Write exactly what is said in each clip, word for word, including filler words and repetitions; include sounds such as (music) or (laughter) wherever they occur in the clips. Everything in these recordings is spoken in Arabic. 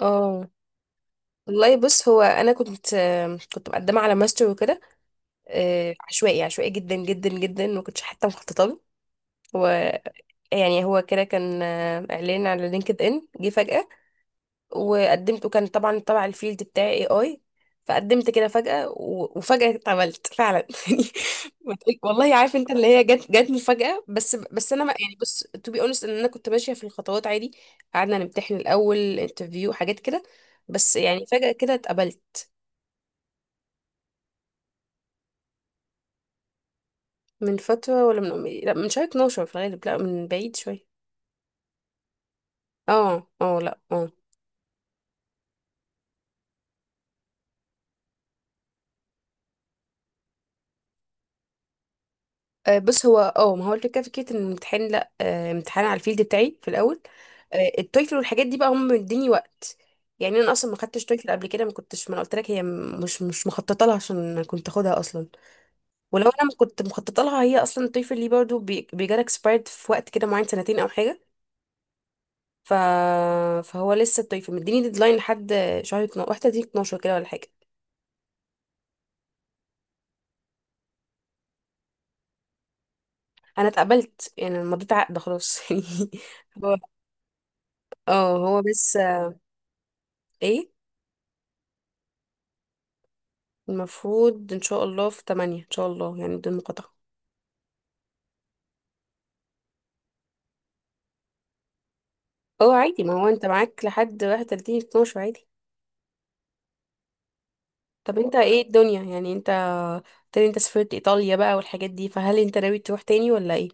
اه. والله بص، هو انا كنت آم، كنت مقدمه على ماستر وكده. آه، عشوائي عشوائي جدا جدا جدا، ما كنتش حتى مخططه له. هو يعني هو كده كان آه، اعلان على لينكد ان جه فجاه، وقدمت وكان طبعا تبع الفيلد بتاعي اي اي. فقدمت كده فجاه و- وفجاه اتعملت فعلا (laughs) يعني. ما تقول- والله عارف انت اللي هي جت جت مفاجاه، بس بس انا ما يعني، بص، تو بي اونست، ان انا كنت ماشيه في الخطوات عادي. قعدنا نمتحن الاول انترفيو حاجات كده. بس يعني فجأة كده اتقبلت. من فترة ولا من أمي؟ لا من شهر اتناشر في الغالب، لا من بعيد شوية. اه اه، لا اه. آه، بص هو اه ما هو الفكرة فكرة ان الامتحان، لا آه، امتحان على الفيلد بتاعي في الأول. آه، التويفل والحاجات دي بقى هم مديني وقت. يعني انا اصلا ما خدتش تويفل قبل كده، ما كنتش، ما أنا قلت لك هي م- مش مش مخططه لها عشان كنت اخدها اصلا. ولو انا ما كنت مخططه لها هي اصلا، التويفل دي برضه بيجالك اكسبايرد في وقت كده معين، سنتين او حاجه. ف... فهو لسه التويفل مديني ديدلاين لحد شهر اتناشر، واحد وثلاثين اتناشر كده ولا حاجه. انا اتقبلت يعني، أنا مضيت عقد خلاص (laughs) يعني. هو اه هو بس ايه. المفروض ان شاء الله في تمانية، ان شاء الله يعني بدون مقاطعة. اه عادي، ما هو انت معاك لحد واحد وتلاتين اتناشر عادي. طب انت ايه الدنيا يعني، انت تاني انت سافرت ايطاليا بقى والحاجات دي، فهل انت ناوي تروح تاني ولا ايه؟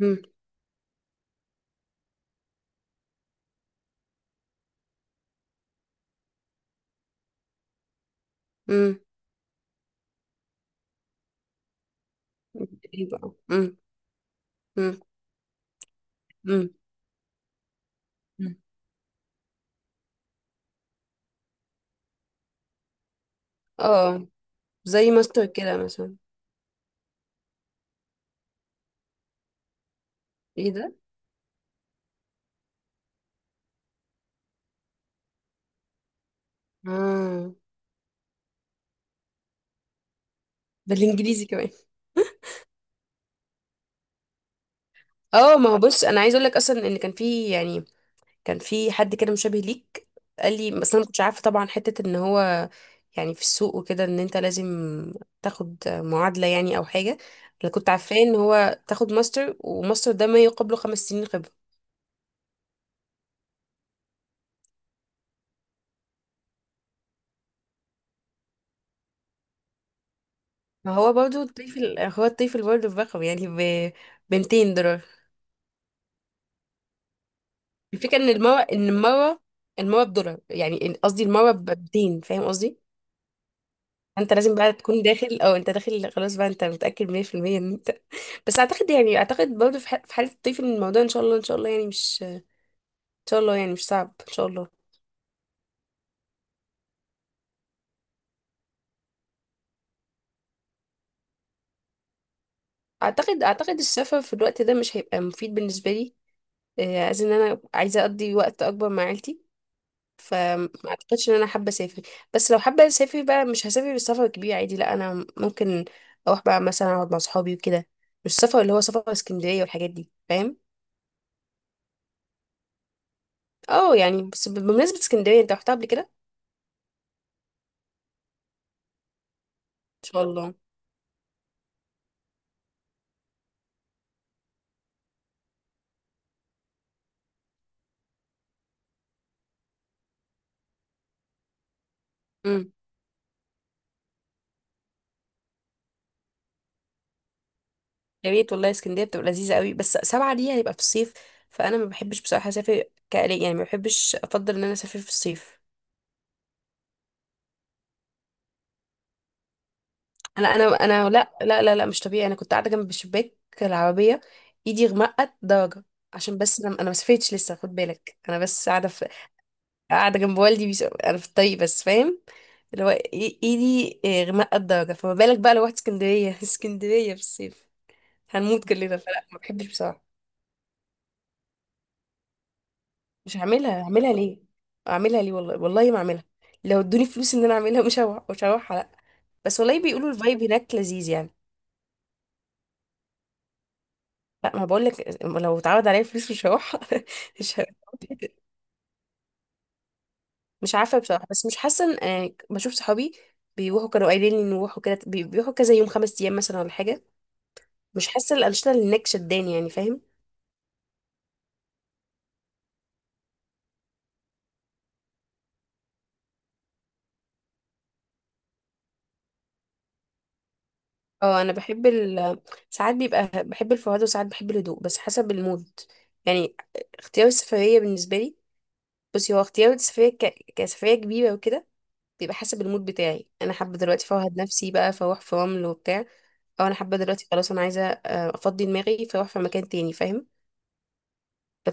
امم امم، ايه بقى؟ امم امم امم، اه. زي ماستر كده مثلا. ايه ده. اه، بالانجليزي كمان. (laughs) اه ما هو بص، انا عايز اقول لك اصلا ان كان في يعني كان في حد كده مشابه ليك، قال لي. بس انا ما كنتش عارفه طبعا حته، ان هو يعني في السوق وكده، ان انت لازم تاخد معادله يعني او حاجه. انا كنت عارفاه ان هو تاخد ماستر، وماستر ده ما يقابله خمس سنين خبره. فهو برضه الطفل، هو الطفل برضه برقم يعني ب ميتين دولار. الفكره ان المره ان المره المره بدولار يعني، قصدي المره ب ميتين، فاهم قصدي. انت لازم بقى تكون داخل، او انت داخل خلاص بقى انت متاكد مية في المية ان انت. بس اعتقد يعني، اعتقد برضه في ح- في حاله الطفل من الموضوع ان شاء الله، ان شاء الله يعني، مش ان شاء الله يعني مش صعب ان شاء الله. اعتقد اعتقد السفر في الوقت ده مش هيبقى مفيد بالنسبه لي. آه، عايز ان انا عايزه اقضي وقت اكبر مع عيلتي، فما اعتقدش ان انا حابه اسافر. بس لو حابه اسافر بقى، مش هسافر بالسفر كبير عادي، لا انا ممكن اروح بقى مثلا اقعد مع صحابي وكده. مش السفر اللي هو سفر اسكندريه والحاجات دي، فاهم. اه يعني، بس بمناسبه اسكندريه، انت رحتها قبل كده؟ ان شاء الله. إمم. يا ريت والله، اسكندريه بتبقى لذيذه قوي، بس سبعة دي هيبقى في الصيف، فانا ما بحبش بصراحه اسافر كالي يعني، ما بحبش، افضل ان انا اسافر في الصيف. انا انا انا، لا لا لا لا، مش طبيعي، انا كنت قاعده جنب شباك العربيه، ايدي غمقت درجه، عشان بس انا انا ما سافرتش لسه، خد بالك انا بس قاعده في، قاعده جنب والدي بيس... انا في الطريق بس، فاهم. اللي هو إي- ايدي إيه، غمقت درجه، فما بالك بقى لو رحت اسكندريه (laughs) اسكندريه في الصيف هنموت كلنا، فلا ما بحبش بصراحه. مش هعملها، هعملها ليه؟ اعملها ليه؟ والله والله ما اعملها، لو ادوني فلوس ان انا اعملها (laughs) مش هروح، مش هروح لا. بس والله بيقولوا الفايب هناك لذيذ يعني. لا ما بقول لك، لو اتعرض عليا فلوس مش هروح (laughs) مش هروح. مش عارفه بصراحه، بس مش حاسه ان يعني، بشوف صحابي بيروحوا، كانوا قايلين لي نروحوا كده، بي- بيروحوا كذا يوم، خمس ايام مثلا ولا حاجه. مش حاسه الانشطه اللي هناك شداني يعني، فاهم. اه، انا بحب ال... ساعات بيبقى بحب الفرهده، وساعات بحب الهدوء، بس حسب المود يعني. اختيار السفريه بالنسبه لي، بصي هو اختيار السفرية ك... كسفرية كبيرة وكده، بيبقى حسب المود بتاعي، انا حابة دلوقتي فوهد نفسي بقى، فاروح في رمل وبتاع، او انا حابة دلوقتي خلاص، انا عايزة آه، افضي دماغي فاروح في مكان تاني، فاهم.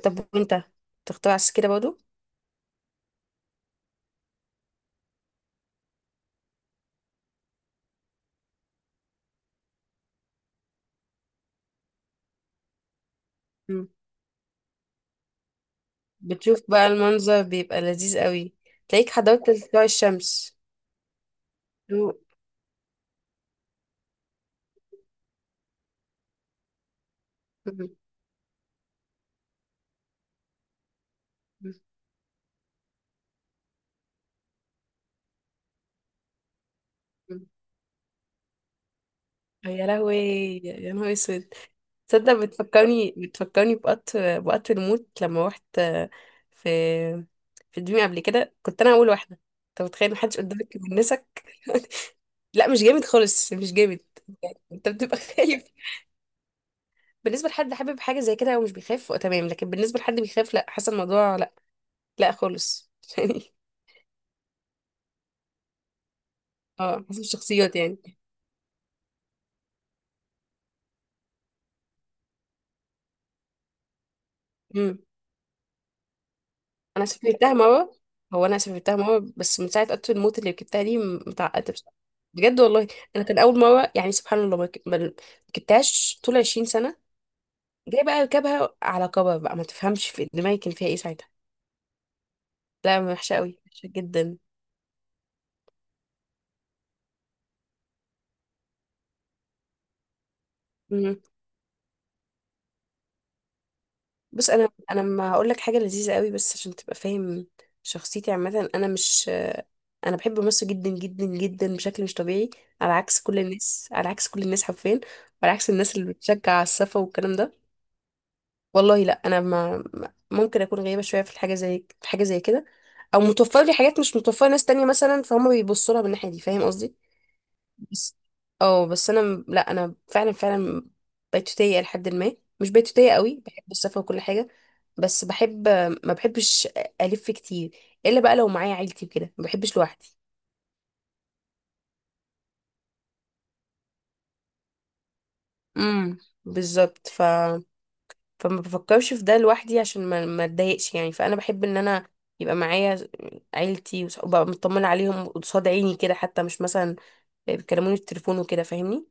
طب وانت تختار عكس كده برضه. مم. بتشوف بقى المنظر بيبقى لذيذ قوي، تلاقيك حضرت طلوع الشمس. هو- مم. مم. يا لهوي، يا نهار اسود. تصدق بتفكرني، بتفكرني بوقت، بوقت الموت لما روحت في، في دريم قبل كده، كنت انا اول واحده، انت متخيل محدش قدامك يونسك. (laughs) لا مش جامد خالص، مش جامد. يعني انت بتبقى (laughs) خايف. بالنسبه لحد حابب حاجه زي كده ومش بيخاف، تمام، لكن بالنسبه لحد بيخاف، لا، حاسه الموضوع لا، لا خالص (laughs) يعني. اه حسب الشخصيات يعني. امم. انا سافرتها مره. هو انا سافرتها مره، بس من ساعه قطر الموت اللي ركبتها دي م- متعقده بصراحه، بجد والله. انا كان اول مره يعني سبحان الله، ما رك- ما ركبتهاش طول عشرين سنه، جاي بقى اركبها على كبر، بقى ما تفهمش في دماغي كان فيها ايه ساعتها. لا وحشه قوي، وحشه جدا. مم. بص انا انا ما هقول لك حاجه لذيذه قوي بس عشان تبقى فاهم شخصيتي عامه. انا مش انا بحب مصر جدا جدا جدا بشكل مش طبيعي، على عكس كل الناس، على عكس كل الناس حرفيا، وعلى عكس الناس اللي بتشجع على السفر والكلام ده. والله لا، انا ما ما- ممكن اكون غريبه شويه في الحاجه زي في حاجه زي كده، او متوفر لي حاجات مش متوفره ناس تانية مثلا، فهم بيبصوا لها من الناحيه دي، فاهم قصدي. بس اه بس انا م- لا انا فعلا فعلا بيتوتيه لحد ما، مش بيتوتيه قوي، بحب السفر وكل حاجه، بس بحب، ما بحبش الف كتير الا بقى لو معايا عيلتي وكده، ما بحبش لوحدي. امم بالظبط. ف فما بفكرش في ده لوحدي، عشان ما ما اتضايقش يعني، فانا بحب ان انا يبقى معايا عيلتي، وص- وابقى مطمنه عليهم قصاد عيني كده، حتى مش مثلا بيكلموني في التليفون وكده، فاهمني.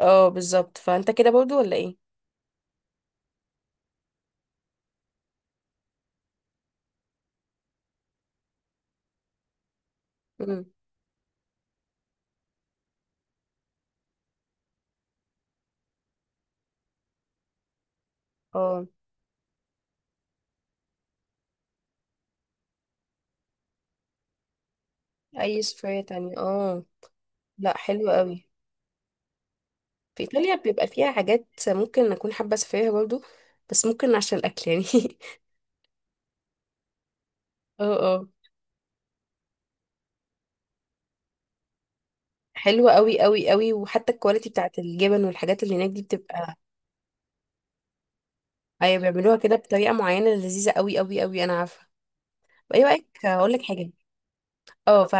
اه بالظبط، فانت كده برضو ولا ايه؟ امم. اه اي سفرية تانية اه. لا حلو قوي. في ايطاليا بيبقى فيها حاجات ممكن اكون حابه اسافرها برضو، بس ممكن عشان الاكل يعني (laughs) اه اه، حلوة قوي قوي قوي، وحتى الكواليتي بتاعت الجبن والحاجات اللي هناك دي بتبقى. ايوه بيعملوها كده بطريقه معينه لذيذه قوي قوي قوي، انا عارفه. ايه رايك اقول لك حاجه؟ اه ف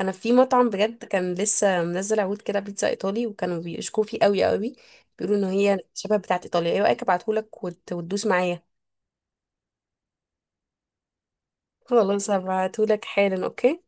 انا في مطعم بجد، كان لسه منزل عروض كده بيتزا ايطالي، وكانوا بيشكوا فيه قوي قوي، بيقولوا ان هي شبه بتاعه ايطاليا. ايه رايك ابعتهولك وت- وتدوس معايا؟ خلاص هبعتهولك حالا، اوكي.